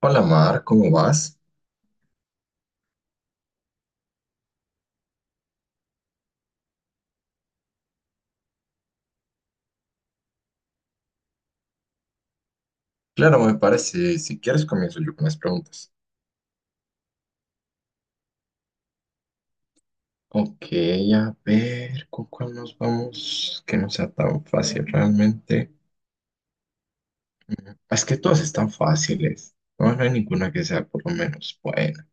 Hola Mar, ¿cómo vas? Claro, me parece, si quieres comienzo yo con las preguntas. Ok, a ver, ¿con cuál nos vamos? Que no sea tan fácil realmente. Es que todas están fáciles, no, no hay ninguna que sea por lo menos buena.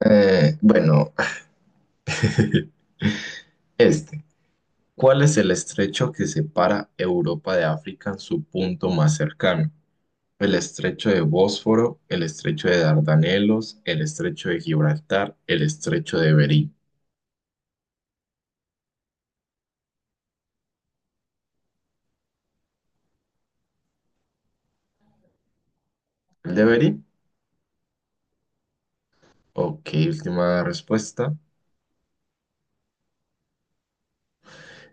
Bueno, este. ¿Cuál es el estrecho que separa Europa de África en su punto más cercano? El estrecho de Bósforo, el estrecho de Dardanelos, el estrecho de Gibraltar, el estrecho de Bering. ¿El deberí? Ok, última respuesta.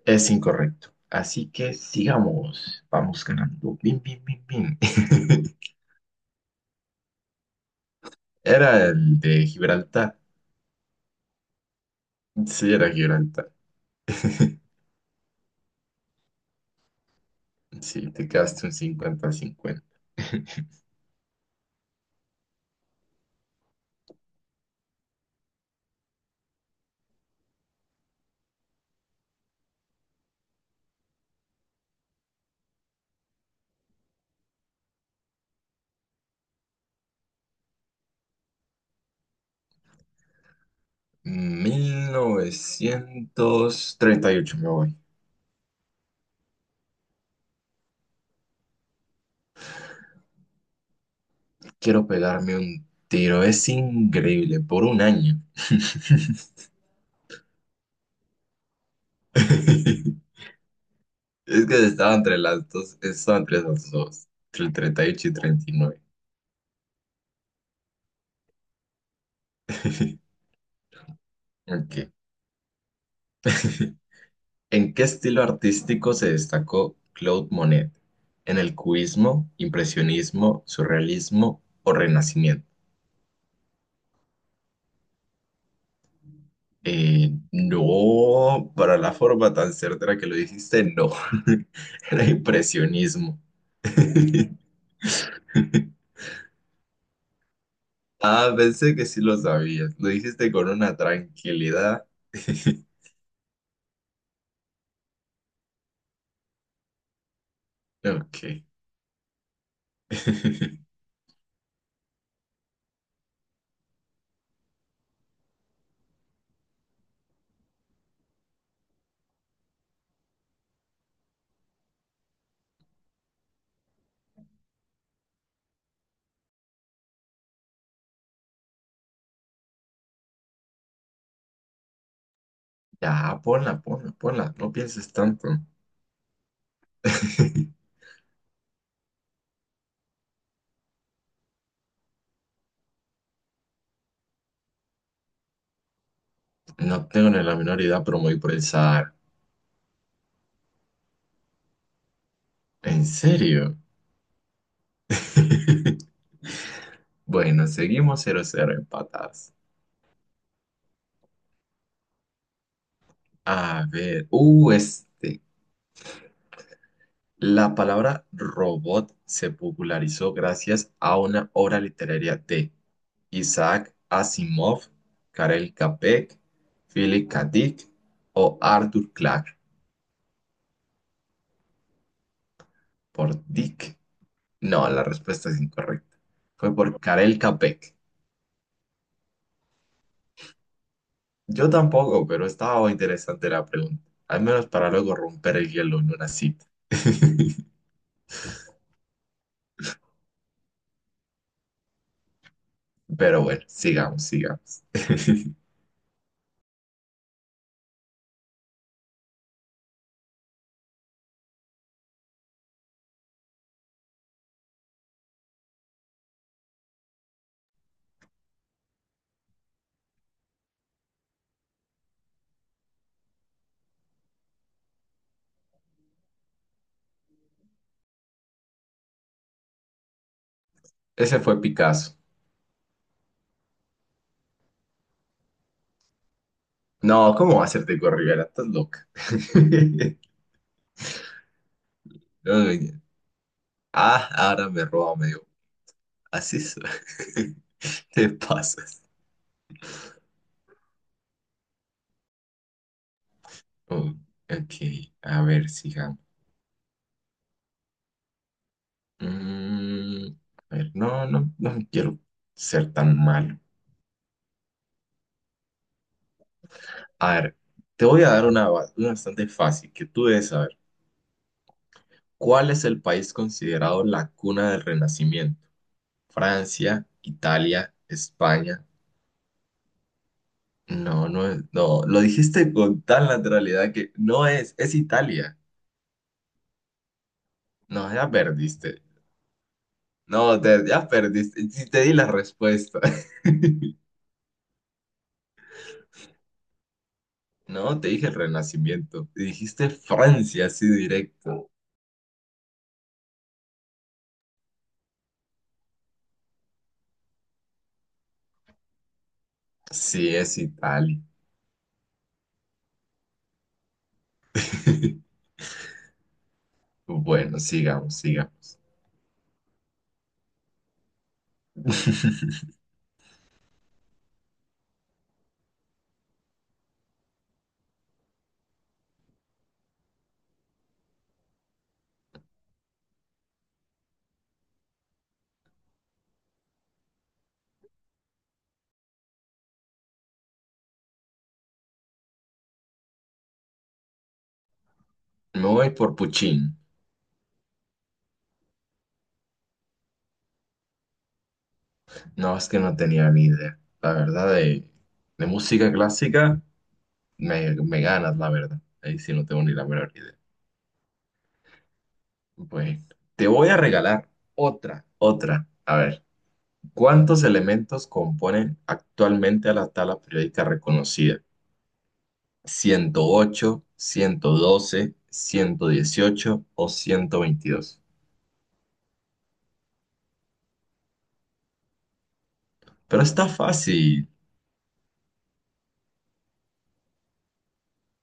Es incorrecto. Así que sigamos. Vamos ganando. Bim, bim, bim, bim. Era el de Gibraltar. Sí, era Gibraltar. Sí, te quedaste un cincuenta cincuenta a cincuenta. 1938, me voy. Quiero pegarme un tiro. Es increíble. Por un año. Es que estaba entre las dos, estaba entre las dos, entre el 38 y 39. Ok. ¿En qué estilo artístico se destacó Claude Monet? ¿En el cubismo, impresionismo, surrealismo o renacimiento? No, para la forma tan certera que lo dijiste, no. Era impresionismo. Ah, pensé que sí lo sabías. Lo dijiste con una tranquilidad. Ok. Ya, ponla, ponla, ponla, no pienses tanto. No tengo ni la menor idea, pero me voy por el Sahara. ¿En serio? Bueno, seguimos cero cero empatadas. A ver, este. La palabra robot se popularizó gracias a una obra literaria de Isaac Asimov, Karel Capek, Philip K. Dick o Arthur Clarke, por Dick. No, la respuesta es incorrecta. Fue por Karel Capek. Yo tampoco, pero estaba muy interesante la pregunta. Al menos para luego romper el hielo en una cita. Pero bueno, sigamos, sigamos. Ese fue Picasso. No, ¿cómo va a ser Diego Rivera? Estás loca. No, no, no. Ah, ahora me roba medio. Así es. Te pasas. Oh, ok, a ver, sigamos. Mm, a ver, no, no, no quiero ser tan malo. A ver, te voy a dar una, una bastante fácil que tú debes saber. ¿Cuál es el país considerado la cuna del Renacimiento? Francia, Italia, España. No, no es, no, lo dijiste con tal naturalidad que no es, es Italia. No, ya perdiste. No, ya perdiste. Sí, te di la respuesta. No, te dije el Renacimiento. Dijiste Francia, así directo. Sí, es Italia. Bueno, sigamos, sigamos. Me voy por Puccini. No, es que no tenía ni idea. La verdad, de música clásica me ganas, la verdad. Ahí sí no tengo ni la menor idea. Pues te voy a regalar otra, otra. A ver, ¿cuántos elementos componen actualmente a la tabla periódica reconocida? Ciento ocho, ciento doce, ciento dieciocho o 122. Pero está fácil.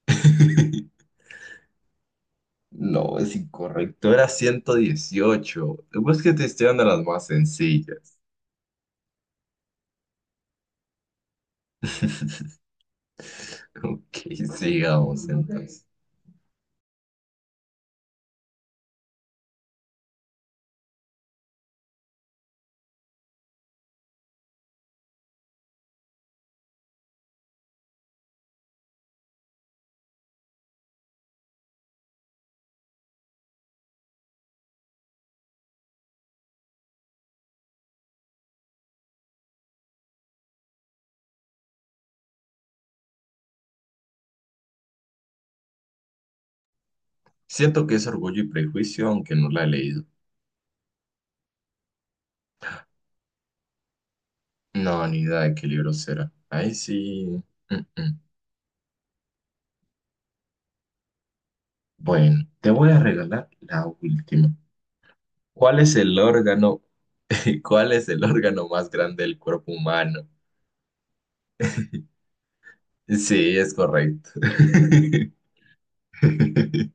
No, es incorrecto, era 118. Pues que te estoy dando las más sencillas. Ok, sigamos entonces. Siento que es Orgullo y Prejuicio, aunque no la he leído. No, ni idea de qué libro será. Ahí sí. mm, mm. Bueno, te voy a regalar la última. ¿Cuál es el cuál es el órgano más grande del cuerpo humano? Sí, es correcto.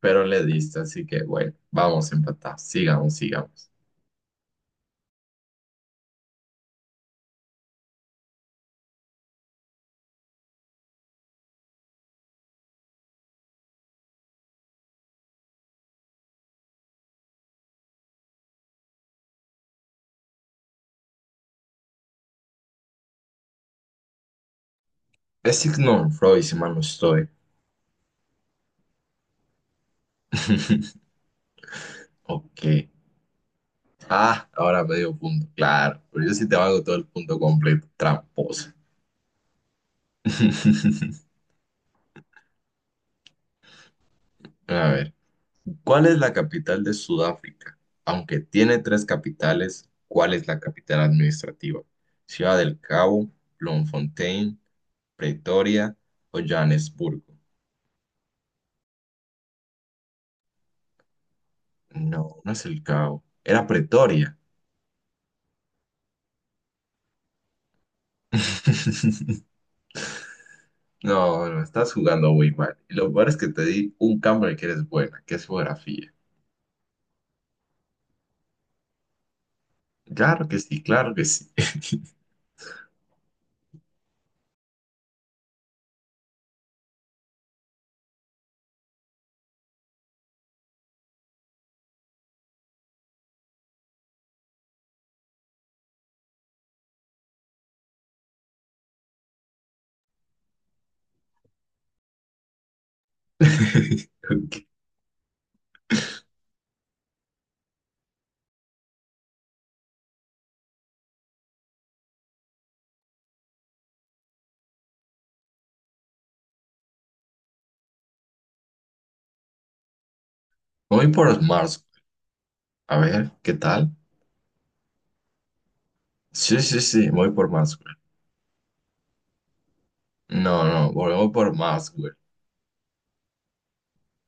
Pero le diste, así que bueno, vamos empatados. Sigamos, sigamos. Es Sigmund Freud, si mal no estoy. Ok. Ah, ahora medio punto. Claro, pero yo sí te hago todo el punto completo. Tramposa. A ver, ¿cuál es la capital de Sudáfrica? Aunque tiene tres capitales, ¿cuál es la capital administrativa? Ciudad del Cabo, Bloemfontein, Pretoria o Johannesburgo. No, no es el Cabo. Era Pretoria. No, no, estás jugando muy mal. Y lo peor es que te di un cambio que eres buena, que es geografía. Claro que sí, claro que sí. Ok. Voy por Mars. A ver, ¿qué tal? Sí, sí, sí, voy por Maxwell. No, no, voy por Maxwell.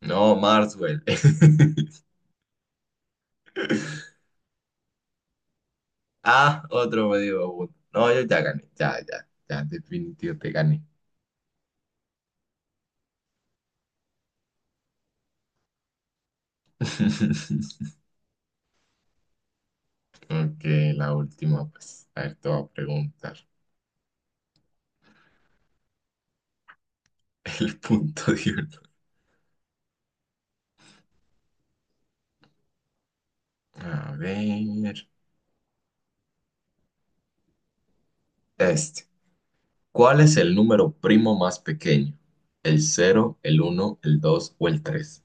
No, Maxwell. Ah, otro me dio punto. No, yo ya gané, ya, ya, ya, definitivo te gané. Ok, la última, pues, a ver, te voy a preguntar el punto de uno. A ver, este. ¿Cuál es el número primo más pequeño? ¿El cero, el uno, el dos o el tres?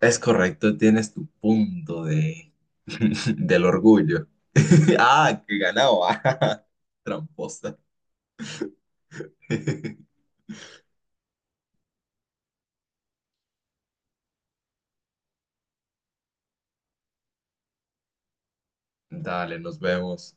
Es correcto, tienes tu punto de del orgullo. Ah, que ganaba. Tramposa. Dale, nos vemos.